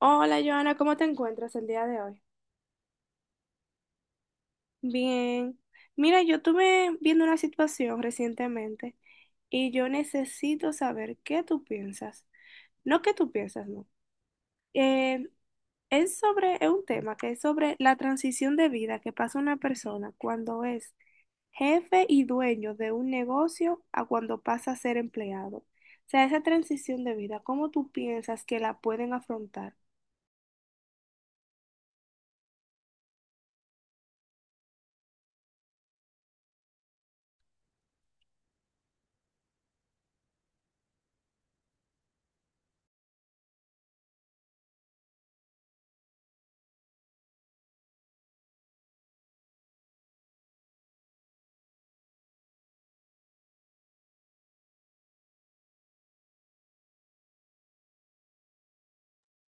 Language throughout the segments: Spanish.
Hola, Joana, ¿cómo te encuentras el día de hoy? Bien. Mira, yo estuve viendo una situación recientemente y yo necesito saber qué tú piensas. No qué tú piensas, no. Eh, es sobre, es un tema que es sobre la transición de vida que pasa una persona cuando es jefe y dueño de un negocio a cuando pasa a ser empleado. O sea, esa transición de vida, ¿cómo tú piensas que la pueden afrontar?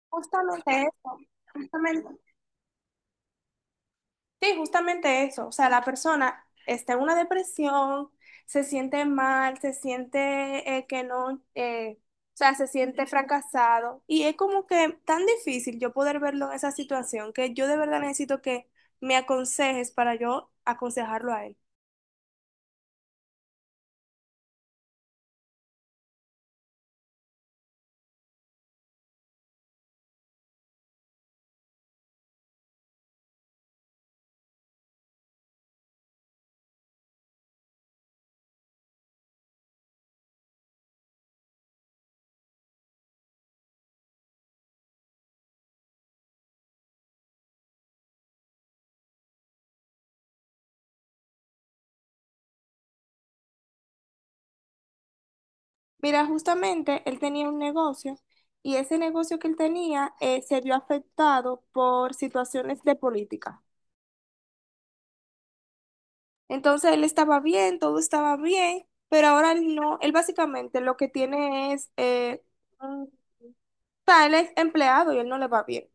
Justamente eso, justamente Sí, justamente eso. O sea, la persona está en una depresión, se siente mal, se siente, que no, o sea, se siente fracasado. Y es como que tan difícil yo poder verlo en esa situación que yo de verdad necesito que me aconsejes para yo aconsejarlo a él. Mira, justamente él tenía un negocio y ese negocio que él tenía, se vio afectado por situaciones de política. Entonces él estaba bien, todo estaba bien, pero ahora él no, él básicamente lo que tiene es, o sea, él es empleado y él no le va bien.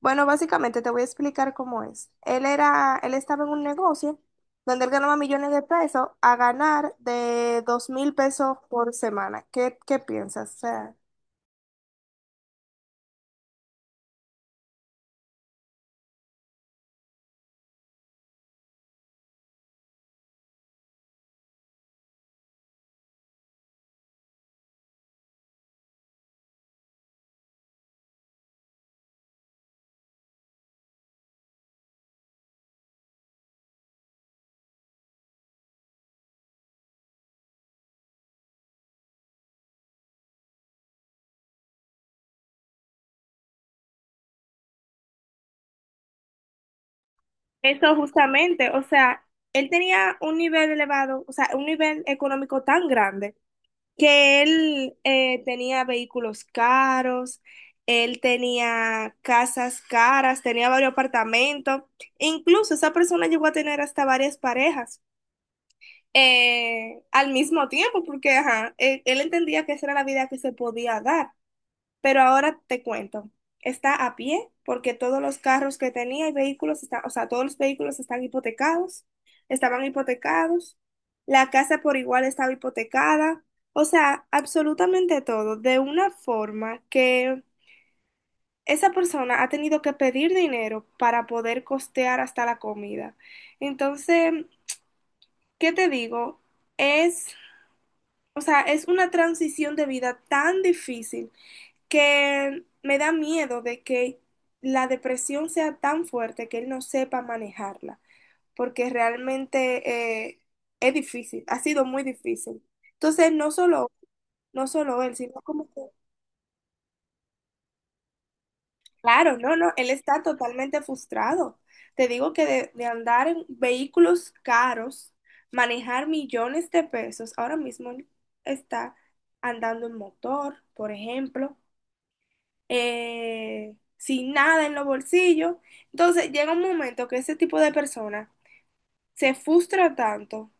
Bueno, básicamente te voy a explicar cómo es. Él estaba en un negocio donde él ganaba millones de pesos a ganar de 2000 pesos por semana. Qué piensas? O sea, eso justamente, o sea, él tenía un nivel elevado, o sea, un nivel económico tan grande que él tenía vehículos caros, él tenía casas caras, tenía varios apartamentos, e incluso esa persona llegó a tener hasta varias parejas al mismo tiempo, porque ajá, él entendía que esa era la vida que se podía dar. Pero ahora te cuento, está a pie porque todos los carros que tenía y vehículos, está, o sea, todos los vehículos están hipotecados, estaban hipotecados, la casa por igual estaba hipotecada, o sea, absolutamente todo, de una forma que esa persona ha tenido que pedir dinero para poder costear hasta la comida. Entonces, ¿qué te digo? Es, o sea, es una transición de vida tan difícil que me da miedo de que la depresión sea tan fuerte que él no sepa manejarla, porque realmente es difícil, ha sido muy difícil. Entonces, no solo él, sino como que, claro, no, no, él está totalmente frustrado. Te digo que de andar en vehículos caros, manejar millones de pesos, ahora mismo él está andando en motor, por ejemplo. Sin nada en los bolsillos. Entonces llega un momento que ese tipo de persona se frustra tanto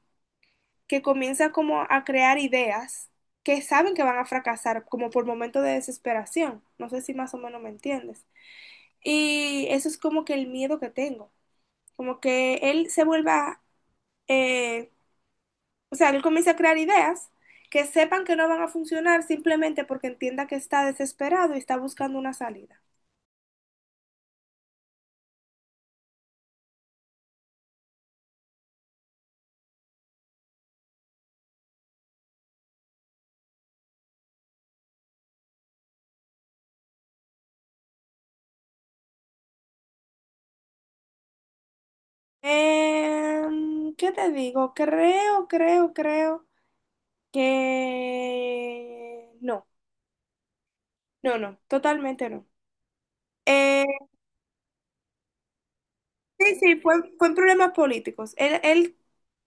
que comienza como a crear ideas que saben que van a fracasar, como por momentos de desesperación. No sé si más o menos me entiendes. Y eso es como que el miedo que tengo, como que él se vuelva, eh, o sea, él comienza a crear ideas, que sepan que no van a funcionar simplemente porque entienda que está desesperado y está buscando una salida. ¿Qué te digo? Creo que no, no, totalmente no. Eh, sí, fue en problemas políticos. Él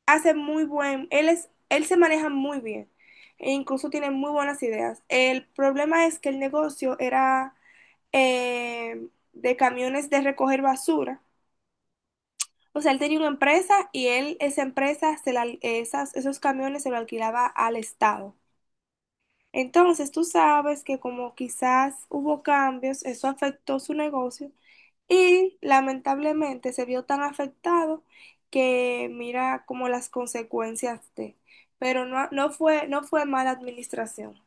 hace muy buen, él es, él se maneja muy bien e incluso tiene muy buenas ideas. El problema es que el negocio era de camiones de recoger basura. O sea, él tenía una empresa y él, esa empresa, se la, esas, esos camiones se lo alquilaba al Estado. Entonces, tú sabes que como quizás hubo cambios, eso afectó su negocio y lamentablemente se vio tan afectado que mira como las consecuencias de, pero no, no fue mala administración.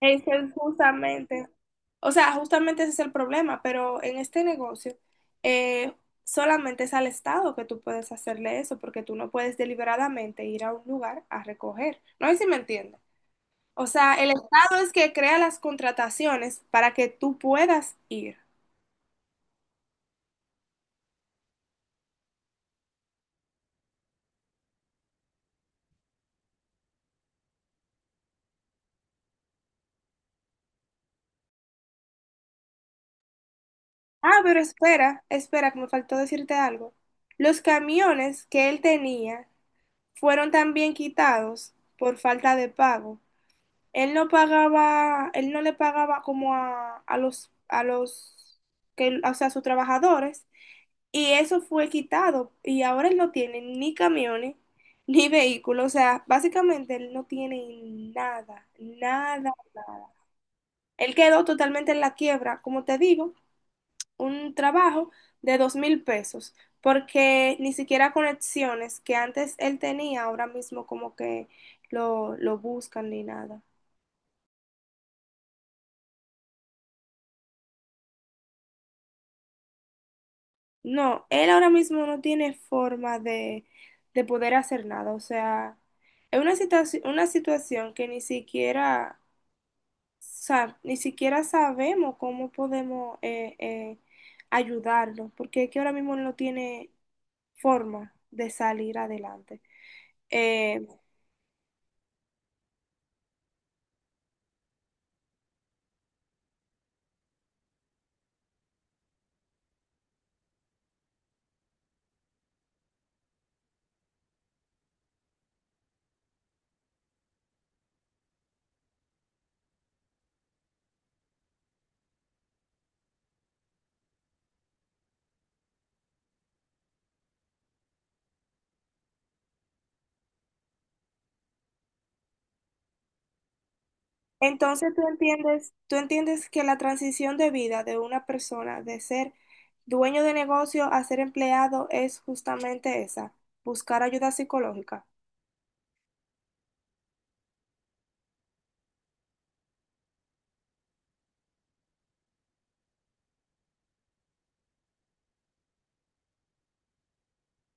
Ese es justamente, o sea, justamente ese es el problema, pero en este negocio eh, solamente es al Estado que tú puedes hacerle eso porque tú no puedes deliberadamente ir a un lugar a recoger. No sé si me entiendes. O sea, el Estado es que crea las contrataciones para que tú puedas ir. Ah, pero espera, espera, que me faltó decirte algo. Los camiones que él tenía fueron también quitados por falta de pago. Él no le pagaba como a los que, o sea, a sus trabajadores, y eso fue quitado. Y ahora él no tiene ni camiones ni vehículos. O sea, básicamente él no tiene nada, nada. Él quedó totalmente en la quiebra, como te digo, un trabajo de 2000 pesos, porque ni siquiera conexiones que antes él tenía, ahora mismo como que lo buscan ni nada. No, él ahora mismo no tiene forma de poder hacer nada, o sea, es una situación que ni siquiera, ni siquiera sabemos cómo podemos ayudarlo, porque es que ahora mismo no tiene forma de salir adelante. Eh, entonces tú entiendes que la transición de vida de una persona de ser dueño de negocio a ser empleado es justamente esa, buscar ayuda psicológica.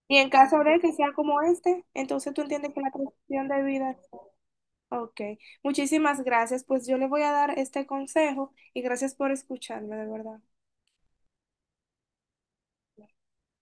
Y en caso de que sea como este, entonces tú entiendes que la transición de vida... Ok, muchísimas gracias. Pues yo le voy a dar este consejo y gracias por escucharme, de verdad.